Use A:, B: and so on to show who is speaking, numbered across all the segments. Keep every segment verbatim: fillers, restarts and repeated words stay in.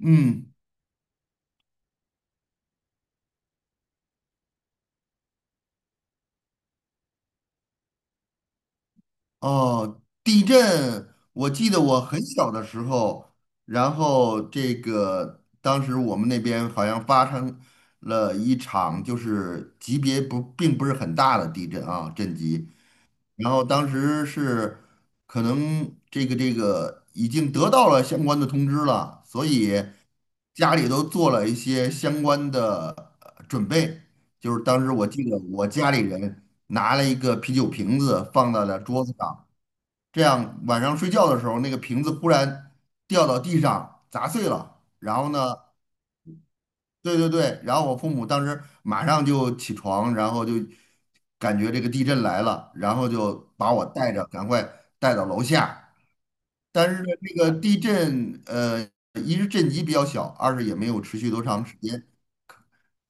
A: 嗯。哦，地震，我记得我很小的时候，然后这个当时我们那边好像发生了一场，就是级别不并不是很大的地震啊，震级。然后当时是可能这个这个已经得到了相关的通知了，所以家里都做了一些相关的呃准备。就是当时我记得我家里人拿了一个啤酒瓶子放在了桌子上，这样晚上睡觉的时候，那个瓶子忽然掉到地上砸碎了，然后呢。对对对，然后我父母当时马上就起床，然后就感觉这个地震来了，然后就把我带着赶快带到楼下。但是呢，这个地震，呃，一是震级比较小，二是也没有持续多长时间，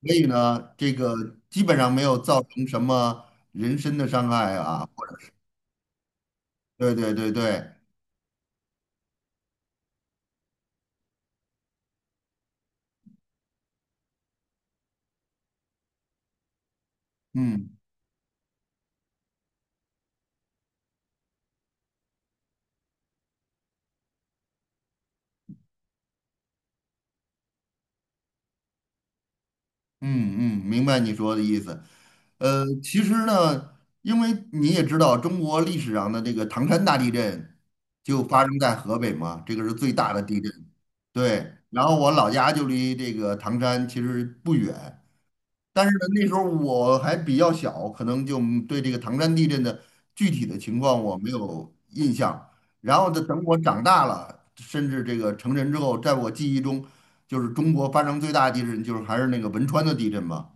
A: 所以呢，这个基本上没有造成什么人身的伤害啊。对对对对，嗯。嗯嗯，明白你说的意思。呃，其实呢，因为你也知道，中国历史上的这个唐山大地震就发生在河北嘛，这个是最大的地震。对，然后我老家就离这个唐山其实不远，但是呢，那时候我还比较小，可能就嗯对这个唐山地震的具体的情况我没有印象。然后呢，等我长大了，甚至这个成人之后，在我记忆中，就是中国发生最大的地震，就是还是那个汶川的地震嘛，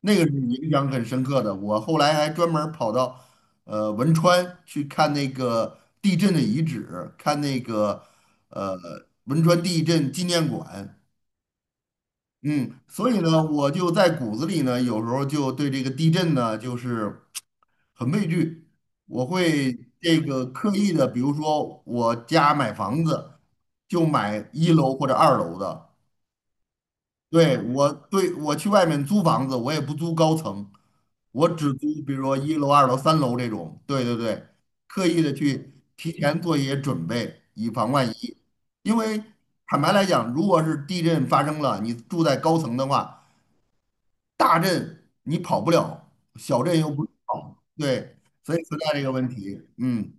A: 那个是影响很深刻的。我后来还专门儿跑到呃汶川去看那个地震的遗址，看那个呃汶川地震纪念馆。嗯，所以呢，我就在骨子里呢，有时候就对这个地震呢，就是很畏惧。我会这个刻意的，比如说我家买房子，就买一楼或者二楼的。对，我对我去外面租房子，我也不租高层，我只租比如说一楼、二楼、三楼这种。对对对，刻意的去提前做一些准备，以防万一。因为坦白来讲，如果是地震发生了，你住在高层的话，大震你跑不了，小震又不是跑，对，所以存在这个问题。嗯。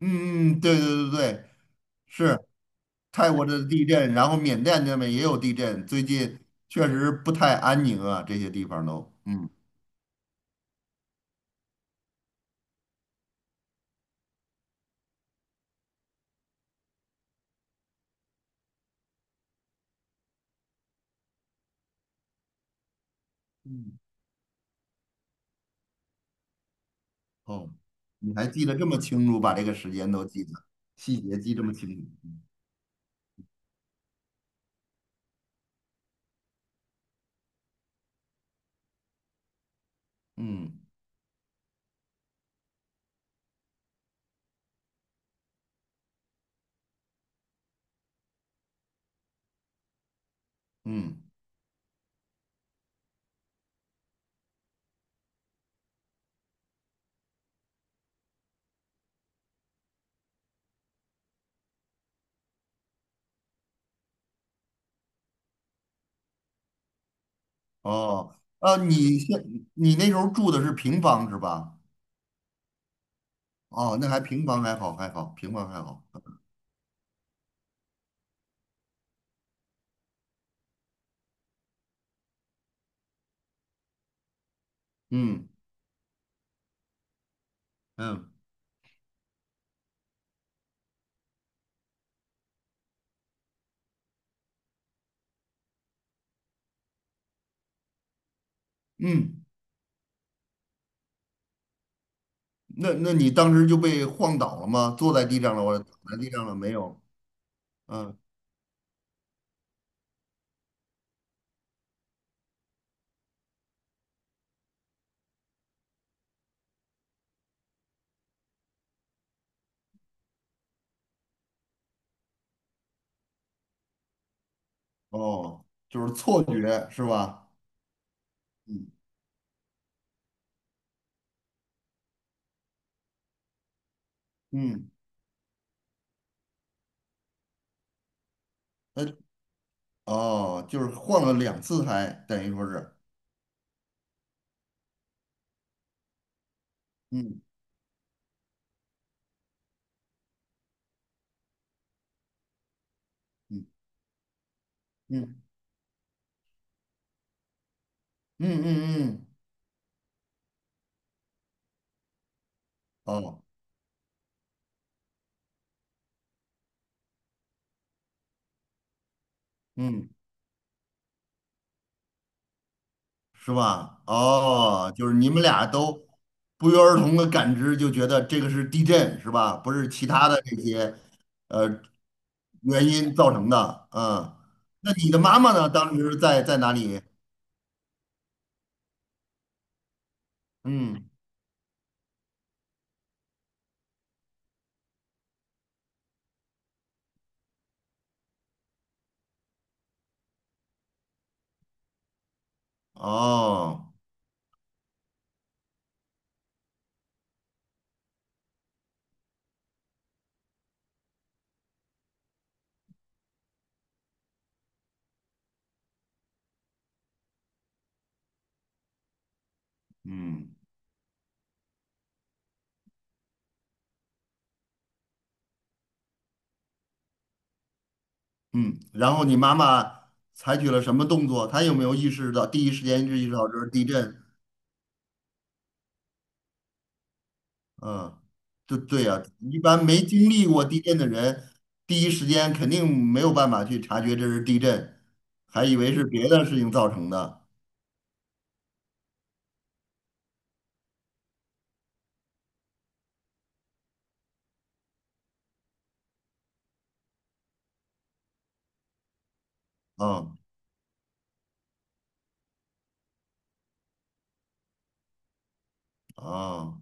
A: 嗯嗯，对对对对，是泰国的地震，然后缅甸那边也有地震，最近确实不太安宁啊，这些地方都。嗯。嗯，哦，你还记得这么清楚，把这个时间都记得，细节记这么清楚。嗯嗯。哦，啊，你现你那时候住的是平房是吧？哦，那还平房还好还好，平房还好。嗯嗯。嗯，那那你当时就被晃倒了吗？坐在地上了，或者躺在地上了没有？嗯，哦，就是错觉是吧？嗯嗯，那哦，就是晃了两次还等于说是。嗯嗯嗯嗯嗯嗯，哦，嗯，是吧？哦，就是你们俩都不约而同的感知，就觉得这个是地震是吧？不是其他的这些，呃原因造成的。嗯，那你的妈妈呢？当时在在哪里？嗯，哦。嗯嗯，然后你妈妈采取了什么动作？她有没有意识到第一时间就意识到这是地震？嗯，对对呀，一般没经历过地震的人，第一时间肯定没有办法去察觉这是地震，还以为是别的事情造成的。嗯，哦。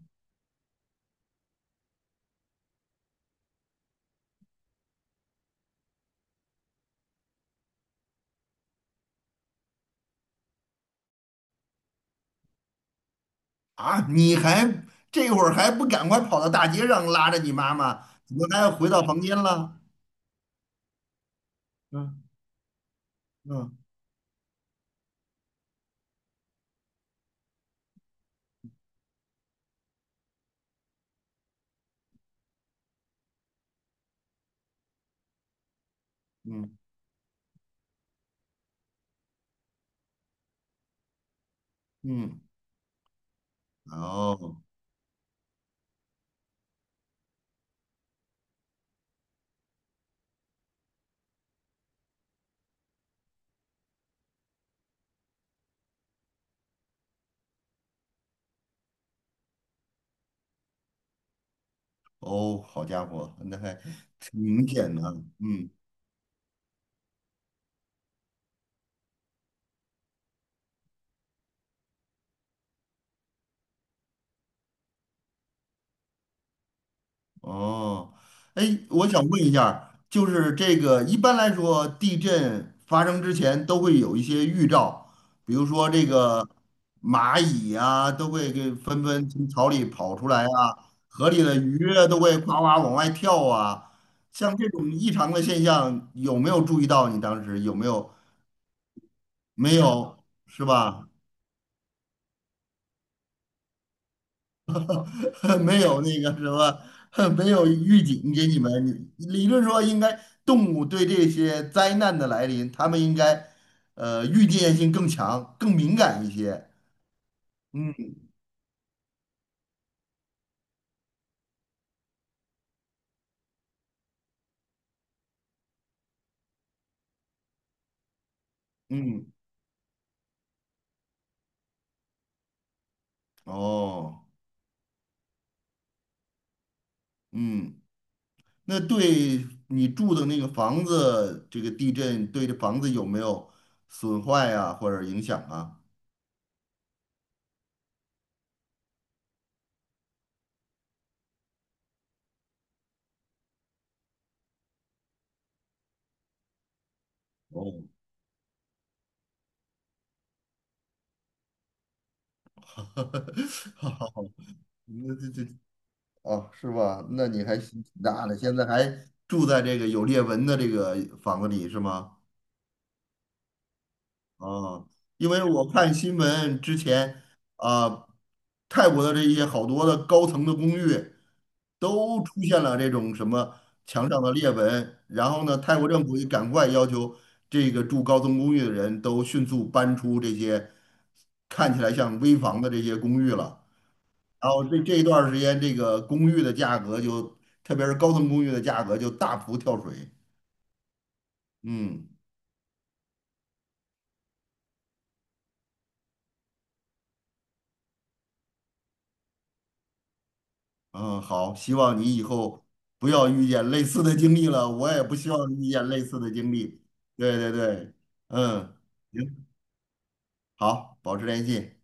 A: 啊，你还这会儿还不赶快跑到大街上拉着你妈妈，怎么还回到房间了？嗯嗯嗯嗯。哦哦，好家伙，那还挺明显的啊。嗯。哦，哎，我想问一下儿就是这个一般来说，地震发生之前都会有一些预兆，比如说这个蚂蚁啊，都会给纷纷从草里跑出来啊，河里的鱼啊都会哗哗往外跳啊，像这种异常的现象，有没有注意到？你当时有没有？没有，是吧？没有那个什么，没有预警给你们。理论说，应该动物对这些灾难的来临，它们应该呃预见性更强、更敏感一些。嗯嗯，哦，嗯，那对你住的那个房子，这个地震对这房子有没有损坏啊，或者影响啊？哦，好好好，那这这哦，是吧？那你还挺大的，现在还住在这个有裂纹的这个房子里是吗？哦，因为我看新闻之前啊，泰国的这些好多的高层的公寓都出现了这种什么墙上的裂纹，然后呢，泰国政府也赶快要求这个住高层公寓的人都迅速搬出这些看起来像危房的这些公寓了。然后这这一段儿时间，这个公寓的价格就，特别是高层公寓的价格就大幅跳水。嗯嗯，好，希望你以后不要遇见类似的经历了，我也不希望遇见类似的经历。对对对，嗯，行，好，保持联系。